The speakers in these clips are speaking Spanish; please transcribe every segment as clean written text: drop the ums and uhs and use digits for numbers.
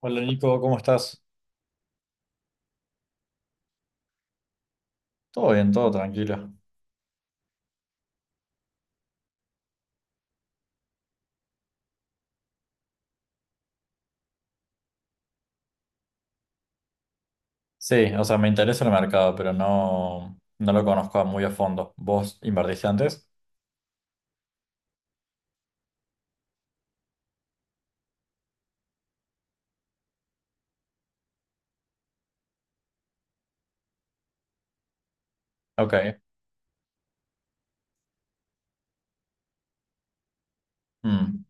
Hola Nico, ¿cómo estás? Todo bien, todo tranquilo. Sí, o sea, me interesa el mercado, pero no, no lo conozco muy a fondo. ¿Vos invertiste antes? Ok. Mm.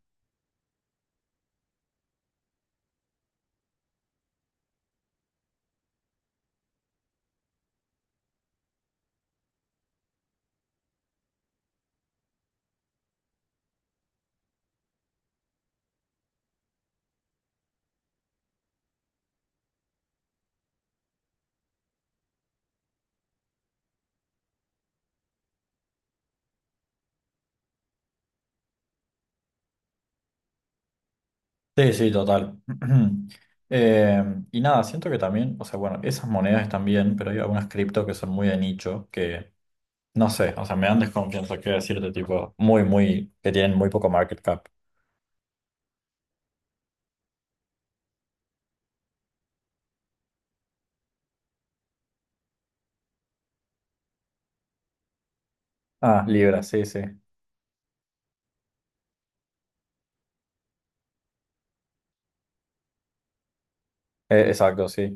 Sí, sí, total. Eh, y nada, siento que también, o sea, bueno, esas monedas están bien, pero hay algunas cripto que son muy de nicho, que no sé, o sea, me dan desconfianza, quiero decirte, tipo, muy, muy, que tienen muy poco market cap. Ah, Libra, sí, sí. Exacto, sí.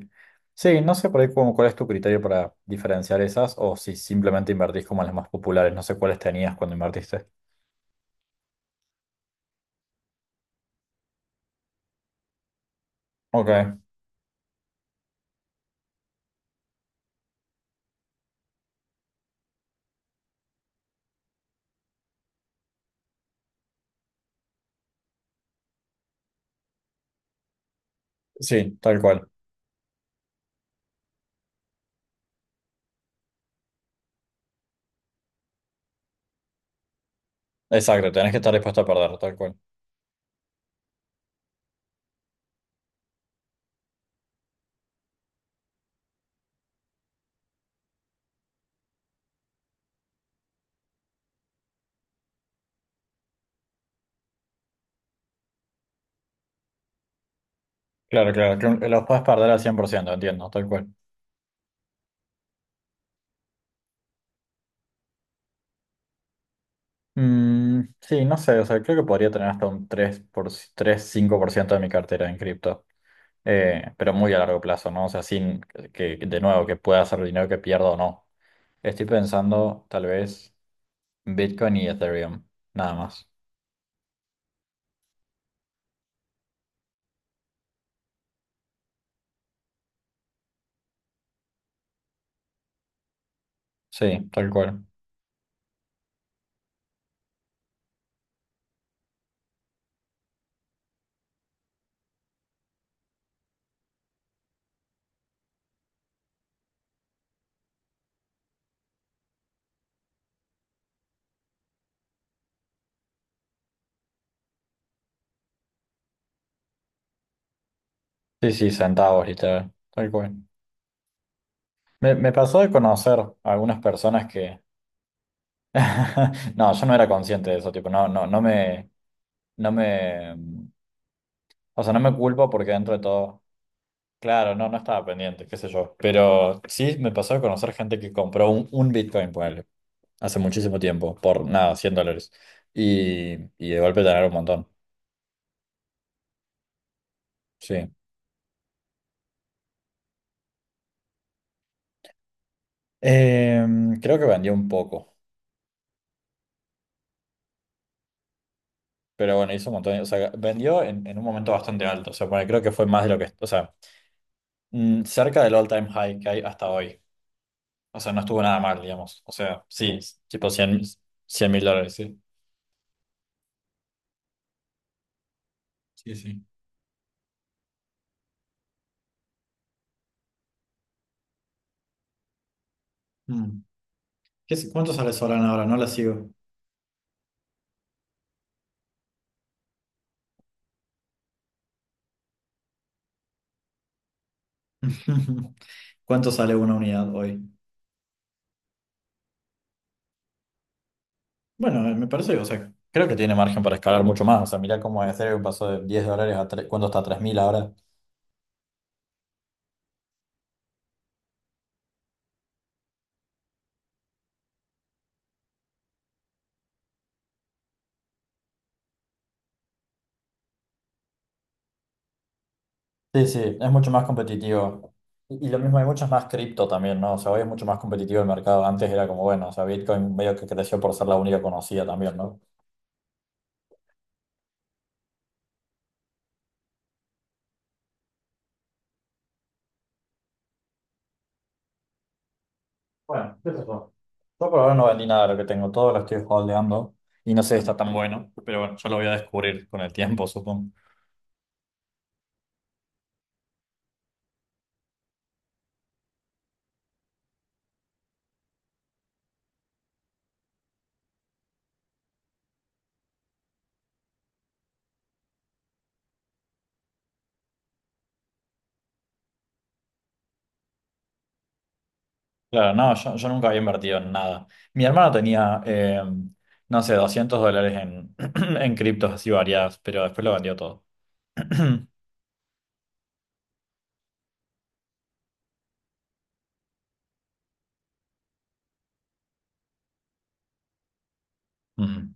Sí, no sé por ahí cuál es tu criterio para diferenciar esas o si simplemente invertís como en las más populares. No sé cuáles tenías cuando invertiste. Ok, sí, tal cual. Exacto, tenés que estar dispuesto a perder, tal cual. Claro, claro, que los puedes perder al 100% entiendo, tal cual. Mm, sí, no sé, o sea, creo que podría tener hasta un tres cinco por ciento de mi cartera en cripto. Pero muy a largo plazo, ¿no? O sea, sin que de nuevo, que pueda hacer dinero que pierda o no. Estoy pensando tal vez Bitcoin y Ethereum, nada más. Sí, tal cual. Sí, sí, centavos, literal, tal cual. Me pasó de conocer algunas personas que no, yo no era consciente de eso, tipo, no, no, no me, no me, o sea, no me culpo porque dentro de todo, claro, no, no estaba pendiente, qué sé yo, pero sí me pasó de conocer gente que compró un Bitcoin, ponele, hace muchísimo tiempo, por nada, 100 dólares, y de golpe tener un montón, sí. Eh, Creo que vendió un poco, pero bueno, hizo un montón, o sea, vendió en un momento bastante alto, o sea, ponele, creo que fue más de lo que, o sea, cerca del all-time high que hay hasta hoy. O sea, no estuvo nada mal, digamos. O sea, sí, es tipo 100.000 dólares, sí. Sí, sí. Mm. ¿Cuánto sale Solana ahora? No la sigo. ¿Cuánto sale una unidad hoy? Bueno, me parece, o sea, creo que tiene margen para escalar mucho más. O sea, mirá cómo Ethereum pasó de 10 dólares a tres, ¿cuánto está? 3.000 ahora. Sí, sí, es mucho más competitivo. Y lo mismo, hay muchas más cripto también, ¿no? O sea, hoy es mucho más competitivo el mercado. Antes era como, bueno, o sea, Bitcoin medio que creció por ser la única conocida también, ¿no? Bueno, qué sé yo. Yo por ahora no vendí nada de lo que tengo, todo lo estoy holdeando y no sé si está tan bueno, pero bueno, yo lo voy a descubrir con el tiempo, supongo. Claro, no, yo nunca había invertido en nada. Mi hermano tenía, no sé, 200 dólares en, en criptos así variadas, pero después lo vendió todo. Mm.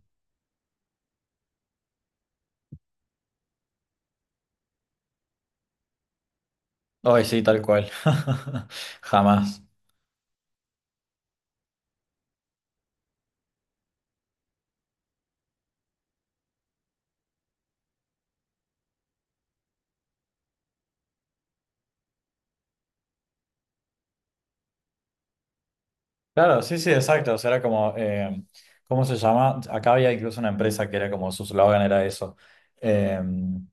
Ay, sí, tal cual. Jamás. Claro, sí, sí, exacto. O sea, era como, ¿cómo se llama? Acá había incluso una empresa que era como su slogan era eso. Em,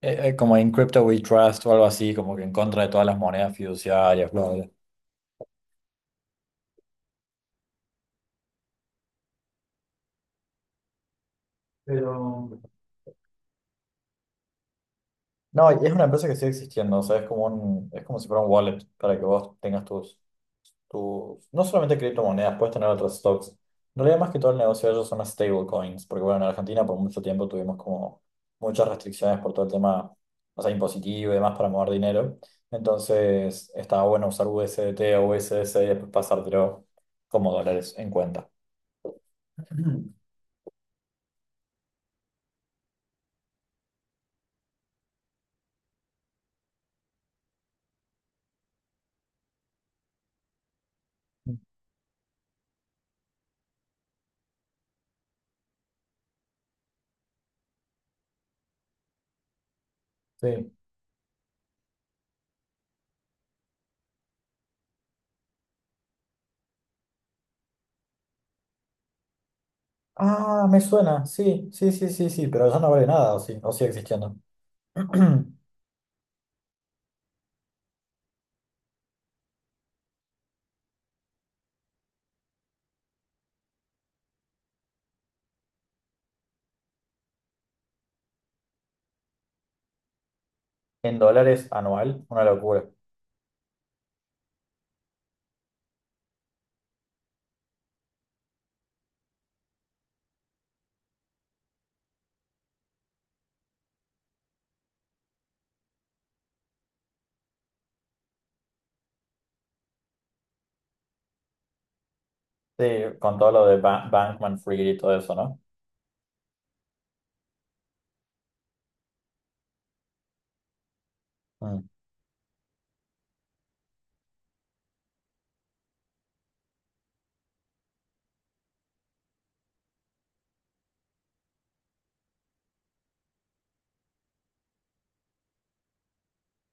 Como en Crypto We Trust o algo así, como que en contra de todas las monedas fiduciarias, bla, bla. Pero. No, y es una empresa que sigue existiendo, o sea, es como si fuera un wallet para que vos tengas tus, no solamente criptomonedas, puedes tener otros stocks. En realidad, más que todo el negocio de ellos son las stablecoins, porque bueno, en Argentina por mucho tiempo tuvimos como muchas restricciones por todo el tema, o sea, impositivo y demás para mover dinero. Entonces, estaba bueno usar USDT o USDC y después pasártelo como dólares en cuenta. Sí. Ah, me suena. Sí, sí, sí, sí, sí, pero eso no vale nada, o sí, o sigue existiendo. En dólares anual, una locura. Sí, con todo lo de Bankman Fried y todo eso, ¿no? Mm.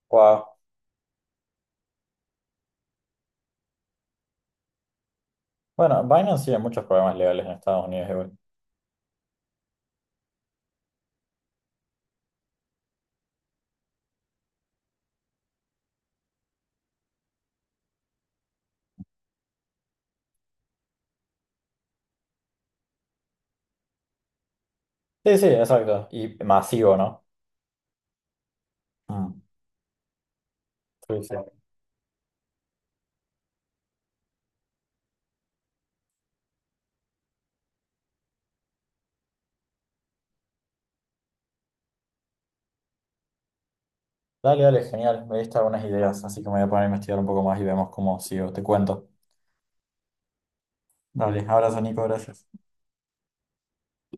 Wow. Bueno, Binance tiene muchos problemas legales en Estados Unidos igual. Sí, sí, exacto. Y masivo, ¿no? Mm. Sí, sí. Dale, dale, genial. Me diste algunas ideas, así que me voy a poner a investigar un poco más y vemos cómo sigo. Te cuento. Dale, abrazo, Nico, gracias.